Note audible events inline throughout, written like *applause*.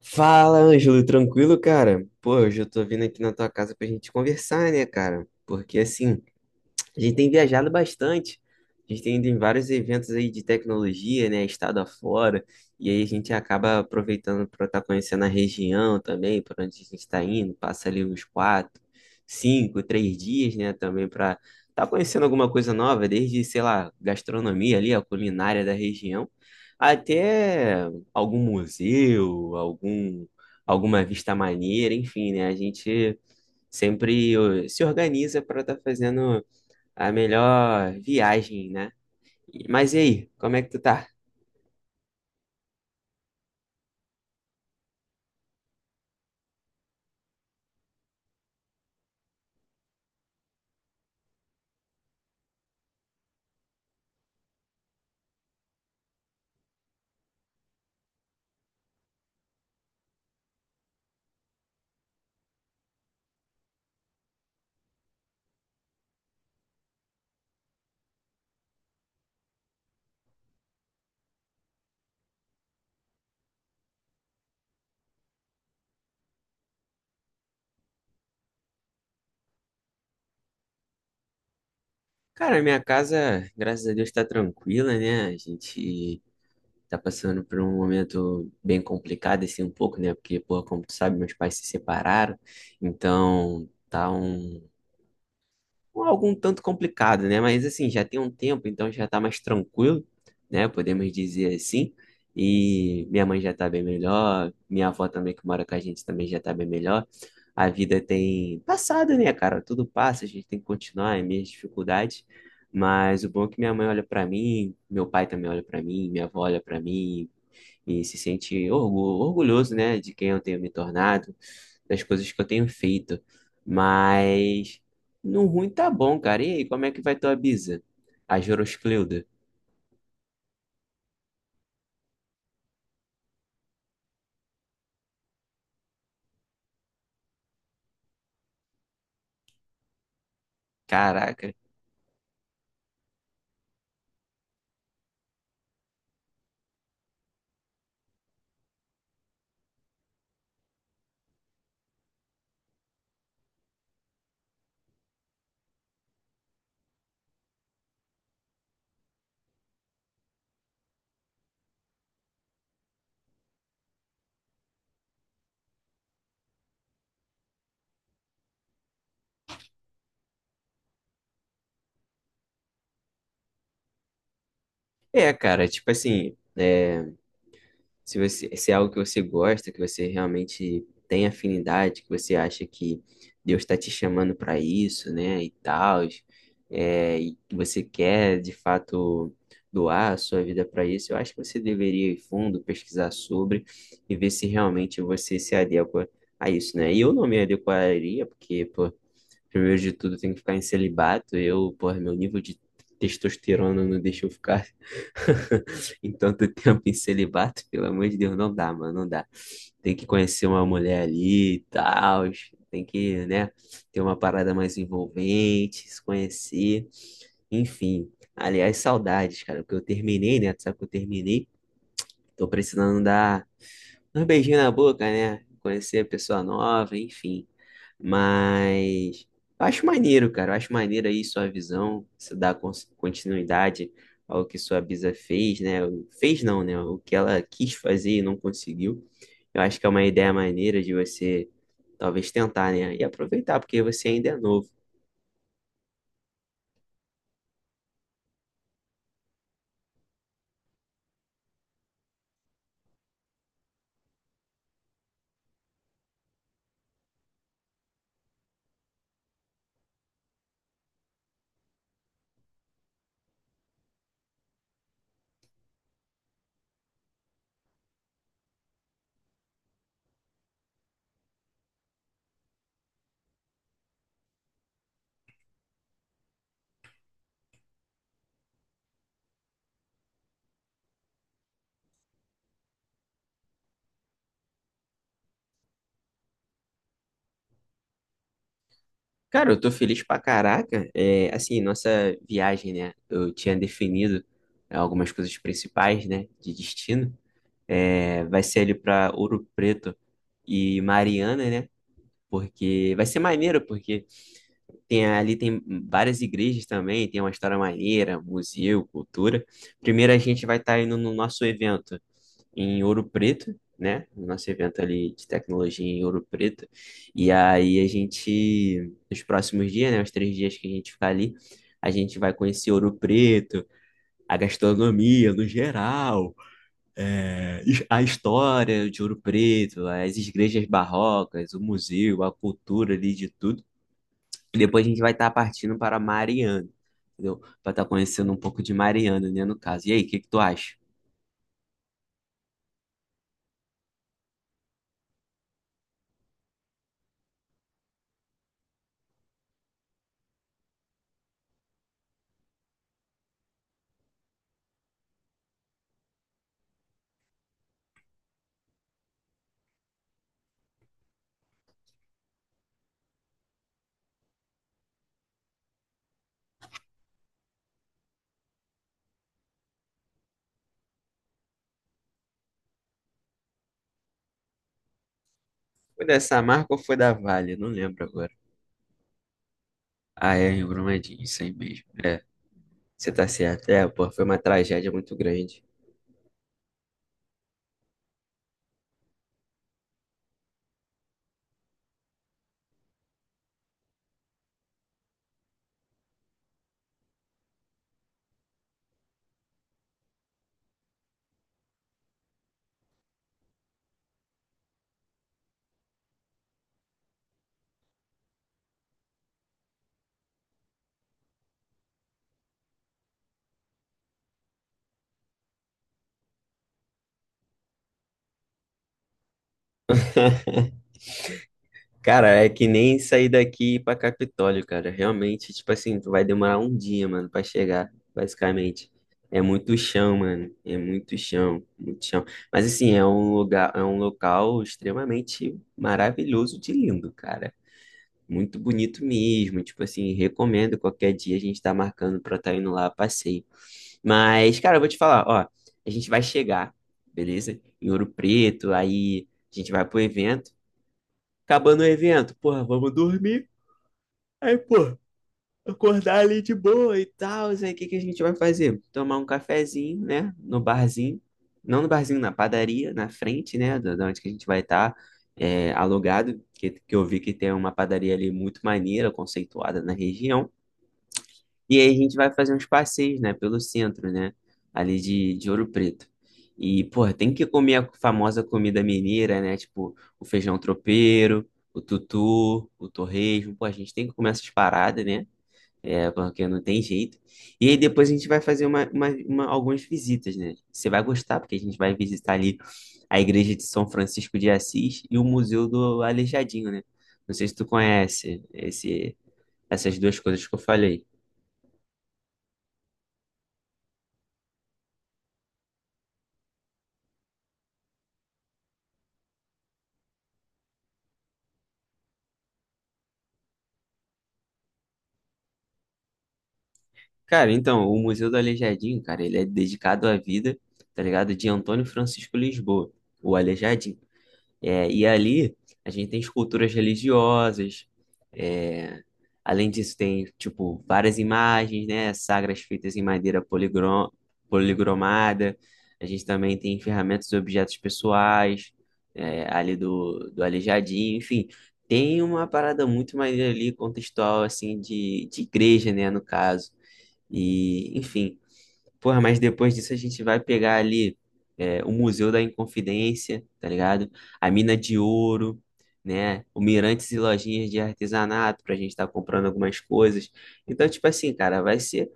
Fala, Ângelo, tranquilo, cara? Pô, hoje eu tô vindo aqui na tua casa pra gente conversar, né, cara? Porque assim, a gente tem viajado bastante. A gente tem ido em vários eventos aí de tecnologia, né? Estado afora. E aí a gente acaba aproveitando para estar conhecendo a região também, para onde a gente está indo. Passa ali uns quatro, cinco, três dias, né? Também para estar conhecendo alguma coisa nova, desde, sei lá, gastronomia ali, a culinária da região, até algum museu, alguma vista maneira, enfim, né? A gente sempre se organiza para estar fazendo a melhor viagem, né? Mas e aí, como é que tu tá? Cara, minha casa, graças a Deus, tá tranquila, né? A gente tá passando por um momento bem complicado, assim, um pouco, né? Porque, pô, como tu sabe, meus pais se separaram, então tá algo um tanto complicado, né? Mas assim, já tem um tempo, então já tá mais tranquilo, né? Podemos dizer assim. E minha mãe já tá bem melhor, minha avó também que mora com a gente também já tá bem melhor. A vida tem passado, né, cara? Tudo passa, a gente tem que continuar, é minhas dificuldades. Mas o bom é que minha mãe olha pra mim, meu pai também olha pra mim, minha avó olha pra mim, e se sente orgulhoso, né, de quem eu tenho me tornado, das coisas que eu tenho feito. Mas no ruim tá bom, cara. E aí, como é que vai tua bisa? A Joroscleuda. Caraca. É, cara, tipo assim, se se é algo que você gosta, que você realmente tem afinidade, que você acha que Deus está te chamando para isso, né, e tal, e que você quer de fato doar a sua vida para isso, eu acho que você deveria ir fundo, pesquisar sobre e ver se realmente você se adequa a isso, né? E eu não me adequaria, porque, pô, primeiro de tudo, tem que ficar em celibato. Eu, porra, meu nível de testosterona não deixa eu ficar *laughs* em tanto tempo em celibato. Pelo amor de Deus, não dá, mano, não dá. Tem que conhecer uma mulher ali e tal. Tem que, né, ter uma parada mais envolvente, se conhecer. Enfim, aliás, saudades, cara, porque eu terminei, né? Tu sabe que eu terminei. Tô precisando dar uns beijinhos na boca, né? Conhecer a pessoa nova, enfim. Mas eu acho maneiro, cara. Eu acho maneiro aí sua visão, você dar continuidade ao que sua bisa fez, né? Fez não, né? O que ela quis fazer e não conseguiu. Eu acho que é uma ideia maneira de você talvez tentar, né? E aproveitar, porque você ainda é novo. Cara, eu tô feliz pra caraca. É, assim, nossa viagem, né? Eu tinha definido algumas coisas principais, né? De destino. É, vai ser ali para Ouro Preto e Mariana, né? Porque vai ser maneiro, porque tem várias igrejas também, tem uma história maneira, museu, cultura. Primeiro a gente vai estar indo no nosso evento em Ouro Preto, né? No nosso evento ali de tecnologia em Ouro Preto. E aí a gente, nos próximos dias, né? Os três dias que a gente ficar ali, a gente vai conhecer Ouro Preto, a gastronomia no geral. A história de Ouro Preto, as igrejas barrocas, o museu, a cultura ali de tudo. E depois a gente vai estar partindo para Mariana, entendeu? Para estar conhecendo um pouco de Mariana, né, no caso. E aí, o que que tu acha? Foi dessa marca ou foi da Vale? Não lembro agora. Ah, é, em Brumadinho, isso aí mesmo. É, você tá certo. É, pô, foi uma tragédia muito grande. *laughs* Cara, é que nem sair daqui e ir pra Capitólio, cara. Realmente, tipo assim, tu vai demorar um dia, mano, pra chegar, basicamente. É muito chão, mano. É muito chão, muito chão. Mas assim, é um local extremamente maravilhoso de lindo, cara. Muito bonito mesmo. Tipo assim, recomendo qualquer dia a gente tá marcando pra tá indo lá a passeio. Mas, cara, eu vou te falar, ó, a gente vai chegar, beleza? Em Ouro Preto, aí a gente vai pro evento acabando o evento, porra, vamos dormir. Aí, pô, acordar ali de boa e tal. Aí, o que que a gente vai fazer? Tomar um cafezinho, né? No barzinho. Não no barzinho, na padaria, na frente, né? Da onde que a gente vai estar alugado. Que eu vi que tem uma padaria ali muito maneira, conceituada na região. E aí a gente vai fazer uns passeios, né, pelo centro, né, ali de Ouro Preto. E, porra, tem que comer a famosa comida mineira, né, tipo o feijão tropeiro, o tutu, o torresmo. Pô, a gente tem que comer essas paradas, né, porque não tem jeito. E aí depois a gente vai fazer algumas visitas, né. Você vai gostar, porque a gente vai visitar ali a Igreja de São Francisco de Assis e o Museu do Aleijadinho, né. Não sei se tu conhece essas duas coisas que eu falei. Cara, então, o Museu do Aleijadinho, cara, ele é dedicado à vida, tá ligado? De Antônio Francisco Lisboa, o Aleijadinho. É, e ali a gente tem esculturas religiosas, é, além disso tem tipo várias imagens, né, sagras feitas em madeira poligrom policromada. A gente também tem ferramentas e objetos pessoais ali do Aleijadinho, enfim, tem uma parada muito maneira ali contextual assim de igreja, né, no caso. E enfim, porra, mas depois disso a gente vai pegar ali o Museu da Inconfidência, tá ligado? A Mina de Ouro, né? O Mirantes e lojinhas de artesanato pra gente estar comprando algumas coisas. Então, tipo assim, cara, vai ser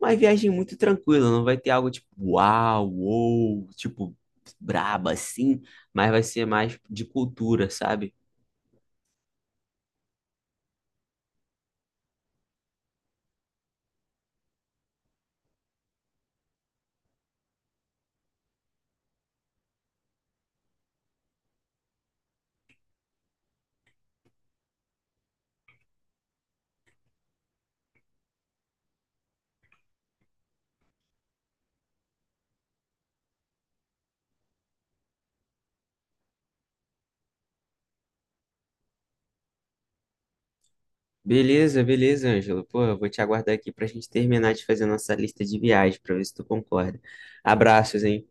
uma viagem muito tranquila, não vai ter algo tipo uau, uou, tipo braba assim, mas vai ser mais de cultura, sabe? Beleza, beleza, Ângelo. Pô, eu vou te aguardar aqui pra gente terminar de fazer nossa lista de viagens, pra ver se tu concorda. Abraços, hein?